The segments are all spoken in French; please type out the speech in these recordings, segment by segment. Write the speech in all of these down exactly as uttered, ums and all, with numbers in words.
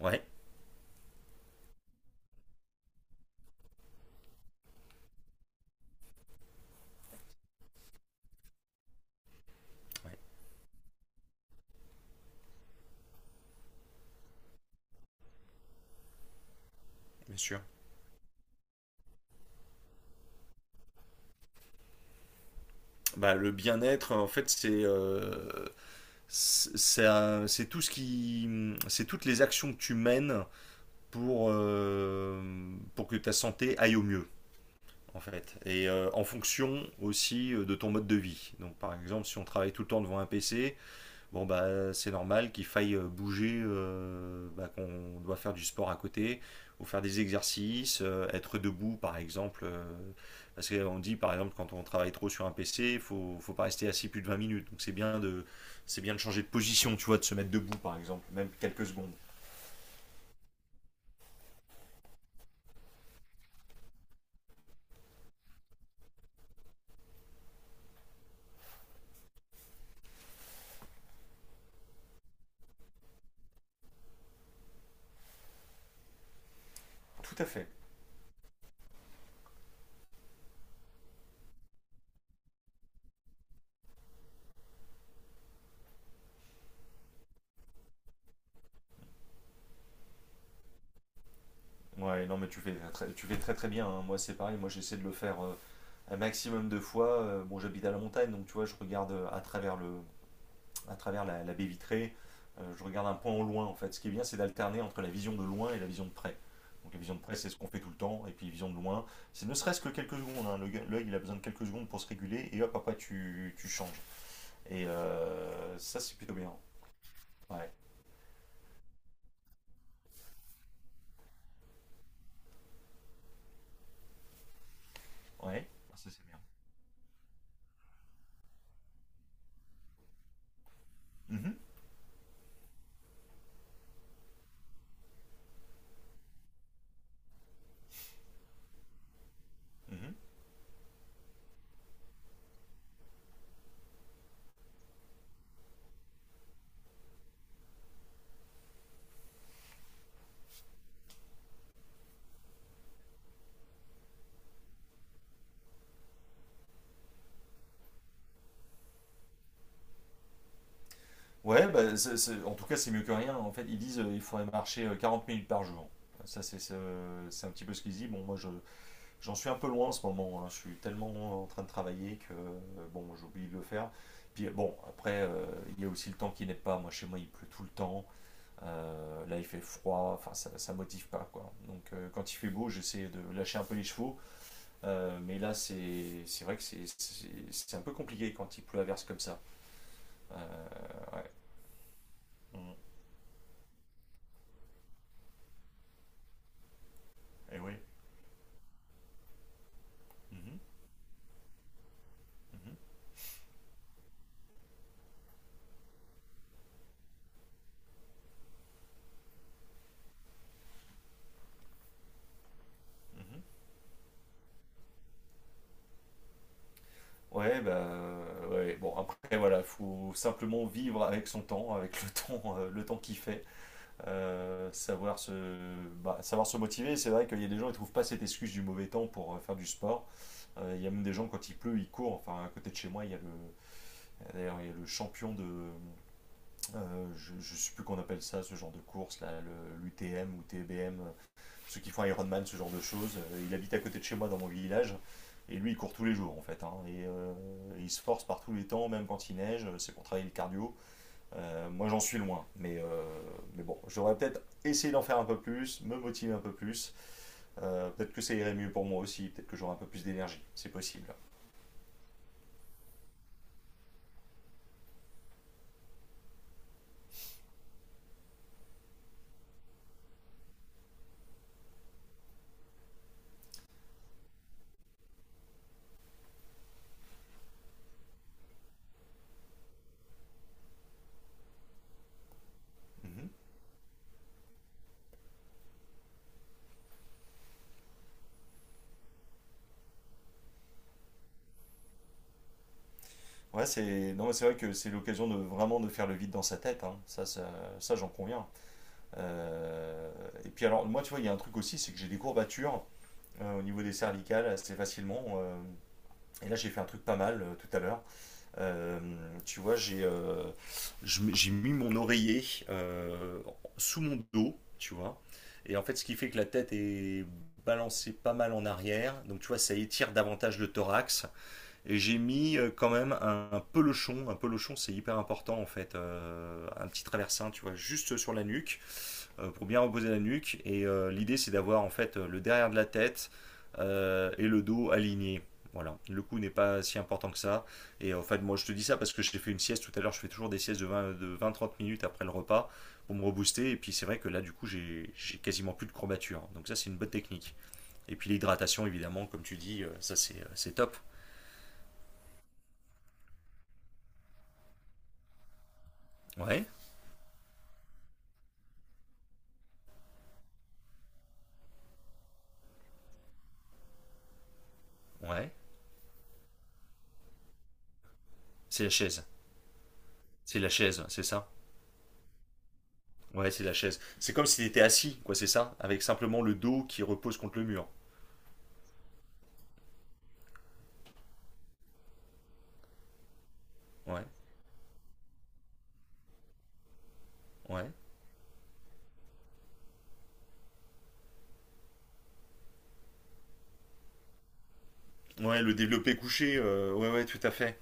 Ouais, ouais, bien sûr. Bah, le bien-être, en fait, c'est euh, c'est c'est un- c'est tout ce qui, c'est toutes les actions que tu mènes pour euh, pour que ta santé aille au mieux, en fait, et euh, en fonction aussi euh, de ton mode de vie. Donc, par exemple, si on travaille tout le temps devant un P C. Bon, bah, c'est normal qu'il faille euh, bouger, euh, bah, qu'on doit faire du sport à côté, ou faire des exercices, euh, être debout par exemple. Euh, parce qu'on dit par exemple, quand on travaille trop sur un P C, il faut, faut pas rester assis plus de vingt minutes. Donc c'est bien de, c'est bien de changer de position, tu vois, de se mettre debout par exemple, même quelques secondes. Tout à fait. Ouais, non, mais tu fais très, tu fais très très bien, hein. Moi, c'est pareil, moi j'essaie de le faire euh, un maximum de fois. Euh, bon, j'habite à la montagne, donc tu vois, je regarde euh, à travers le, à travers la, la baie vitrée. Euh, je regarde un point au loin en fait. Ce qui est bien, c'est d'alterner entre la vision de loin et la vision de près. Donc la vision de près, c'est ce qu'on fait tout le temps, et puis vision de loin, c'est ne serait-ce que quelques secondes, hein. L'œil, il a besoin de quelques secondes pour se réguler, et hop, après, tu, tu changes. Et euh, ça, c'est plutôt bien. Ouais, ouais. Ah, ça c'est bien. Mhm, mhm. Ouais, bah, c'est- c'est- en tout cas, c'est mieux que rien. En fait, ils disent euh, il faudrait marcher euh, quarante minutes par jour. Ça, c'est c'est, euh, c'est un petit peu ce qu'ils disent. Bon, moi, je, j'en suis un peu loin en ce moment, hein. Je suis tellement en train de travailler que euh, bon, j'oublie de le faire. Puis euh, bon, après, euh, il y a aussi le temps qui n'est pas. Moi, chez moi, il pleut tout le temps. Euh, là, il fait froid. Enfin, ça, ça motive pas, quoi. Donc, euh, quand il fait beau, j'essaie de lâcher un peu les chevaux. Euh, mais là, c'est c'est vrai que c'est c'est- c'est un peu compliqué quand il pleut à verse comme ça. Euh, on- Eh oui. Mhm, mhm, mhm. Ouais, bah, ouais, bon, après, voilà, faut simplement vivre avec son temps, avec le temps, euh, le temps qu'il fait. euh, savoir se, bah, Savoir se motiver. C'est vrai qu'il y a des gens qui ne trouvent pas cette excuse du mauvais temps pour euh, faire du sport. Euh, il y a même des gens, quand il pleut, ils courent. Enfin, à côté de chez moi, il y a le, d'ailleurs, il y a le champion de. Euh, je ne sais plus qu'on appelle ça, ce genre de course, là, le- l'U T M ou T B M, euh, ceux qui font Ironman, ce genre de choses. Euh, il habite à côté de chez moi dans mon village. Et lui, il court tous les jours en fait, hein. Et euh, il se force par tous les temps, même quand il neige. euh, C'est pour travailler le cardio. Euh, moi, j'en suis loin, mais, euh, mais bon, j'aurais peut-être essayé d'en faire un peu plus, me motiver un peu plus. Euh, peut-être que ça irait mieux pour moi aussi, peut-être que j'aurais un peu plus d'énergie, c'est possible. Mhm. Ouais, c'est non, Mais c'est vrai que c'est l'occasion de vraiment de faire le vide dans sa tête, hein. Ça, ça, ça, j'en conviens. Euh, Et puis alors, moi, tu vois, il y a un truc aussi, c'est que j'ai des courbatures euh, au niveau des cervicales assez facilement. euh, Et là, j'ai fait un truc pas mal euh, tout à l'heure. Euh, Tu vois, j'ai euh, je mets- j'ai mis mon oreiller euh, sous mon dos, tu vois. Et en fait, ce qui fait que la tête est balancée pas mal en arrière. Donc, tu vois, ça étire davantage le thorax. Et j'ai mis euh, quand même un, un pelochon. Un pelochon, c'est hyper important, en fait. Euh, un petit traversin, tu vois, juste sur la nuque euh, pour bien reposer la nuque. Et euh, l'idée, c'est d'avoir en fait le derrière de la tête euh, et le dos aligné. Voilà, le coup n'est pas si important que ça. Et en fait, moi, je te dis ça parce que j'ai fait une sieste tout à l'heure. Je fais toujours des siestes de vingt trente minutes après le repas pour me rebooster. Et puis, c'est vrai que là, du coup, j'ai quasiment plus de courbature. Donc, ça, c'est une bonne technique. Et puis, l'hydratation, évidemment, comme tu dis, euh, ça, c'est top. Ouais, ouais. C'est la chaise. C'est la chaise, c'est ça. Ouais, c'est la chaise. C'est comme si tu étais assis, quoi, c'est ça. Avec simplement le dos qui repose contre le mur. Ouais, ouais. Ouais, le développé couché, euh, ouais, ouais, tout à fait.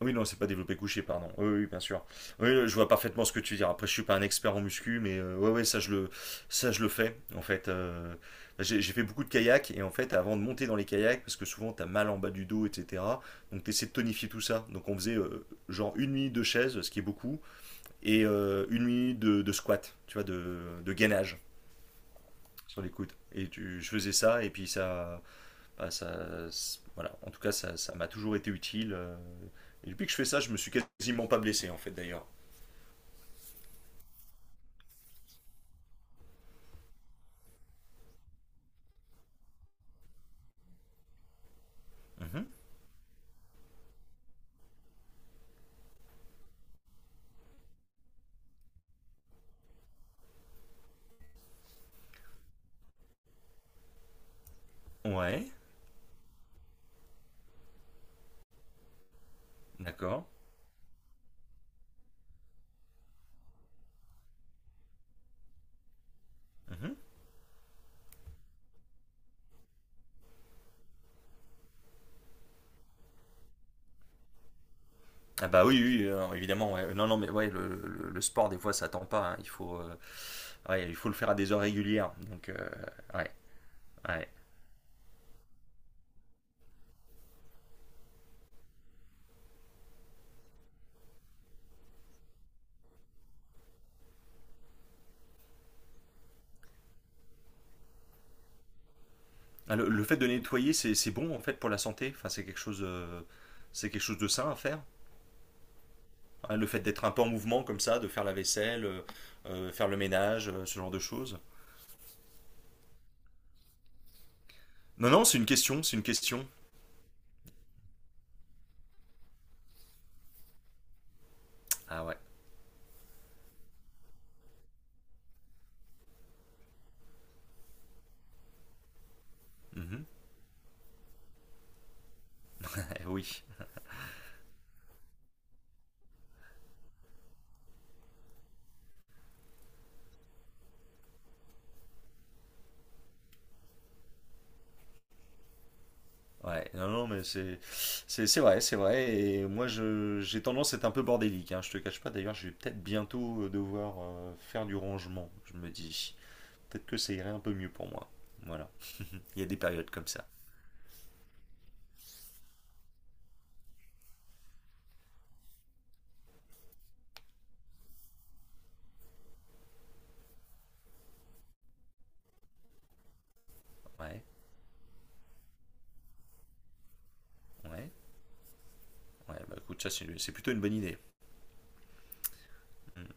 Ah, oui, non, c'est pas développé couché, pardon. Oui, oui, bien sûr. Oui, je vois parfaitement ce que tu veux dire. Après, je suis pas un expert en muscu, mais euh, ouais, ouais, ça je le, ça je le fais. En fait, euh, j'ai j'ai fait beaucoup de kayak et en fait, avant de monter dans les kayaks, parce que souvent t'as mal en bas du dos, et cetera. Donc t'essaies de tonifier tout ça. Donc on faisait euh, genre une nuit de chaise, ce qui est beaucoup, et euh, une nuit de, de squat, tu vois, de, de gainage sur les coudes. Et tu, je faisais ça et puis ça, bah, ça, voilà. En tout cas, ça, ça m'a toujours été utile. euh, Et depuis que je fais ça, je me suis quasiment pas blessé, en fait, d'ailleurs. Mhm. Ouais, d'accord. Mhm. Ah bah oui, oui, euh, évidemment. Ouais. Non, non, mais ouais, le, le- le sport, des fois, ça attend pas, hein. Il faut, euh, ouais, il faut le faire à des heures régulières. Donc, euh, ouais, ouais. Ah, Le, le fait de nettoyer, c'est c'est bon, en fait, pour la santé. Enfin, c'est quelque chose, euh, c'est quelque chose de sain à faire. Ah, le fait d'être un peu en mouvement comme ça, de faire la vaisselle, euh, euh, faire le ménage, euh, ce genre de choses. Non, non, c'est une question, c'est une question. Ah ouais. Mhm. Eh oui. Ouais, non, non, mais c'est c'est c'est vrai, c'est vrai. Et moi, je j'ai tendance à être un peu bordélique. Hein, je te cache pas. D'ailleurs, je vais peut-être bientôt euh, devoir euh, faire du rangement. Je me dis, peut-être que ça irait un peu mieux pour moi. Voilà. Il y a des périodes comme ça. Ouais, ouais, ouais. Bah écoute, ça c'est c'est plutôt une bonne idée. Mm.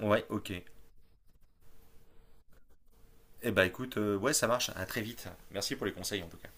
Ouais, ok. Eh bah écoute, euh, ouais, ça marche. À très vite. Merci pour les conseils en tout cas.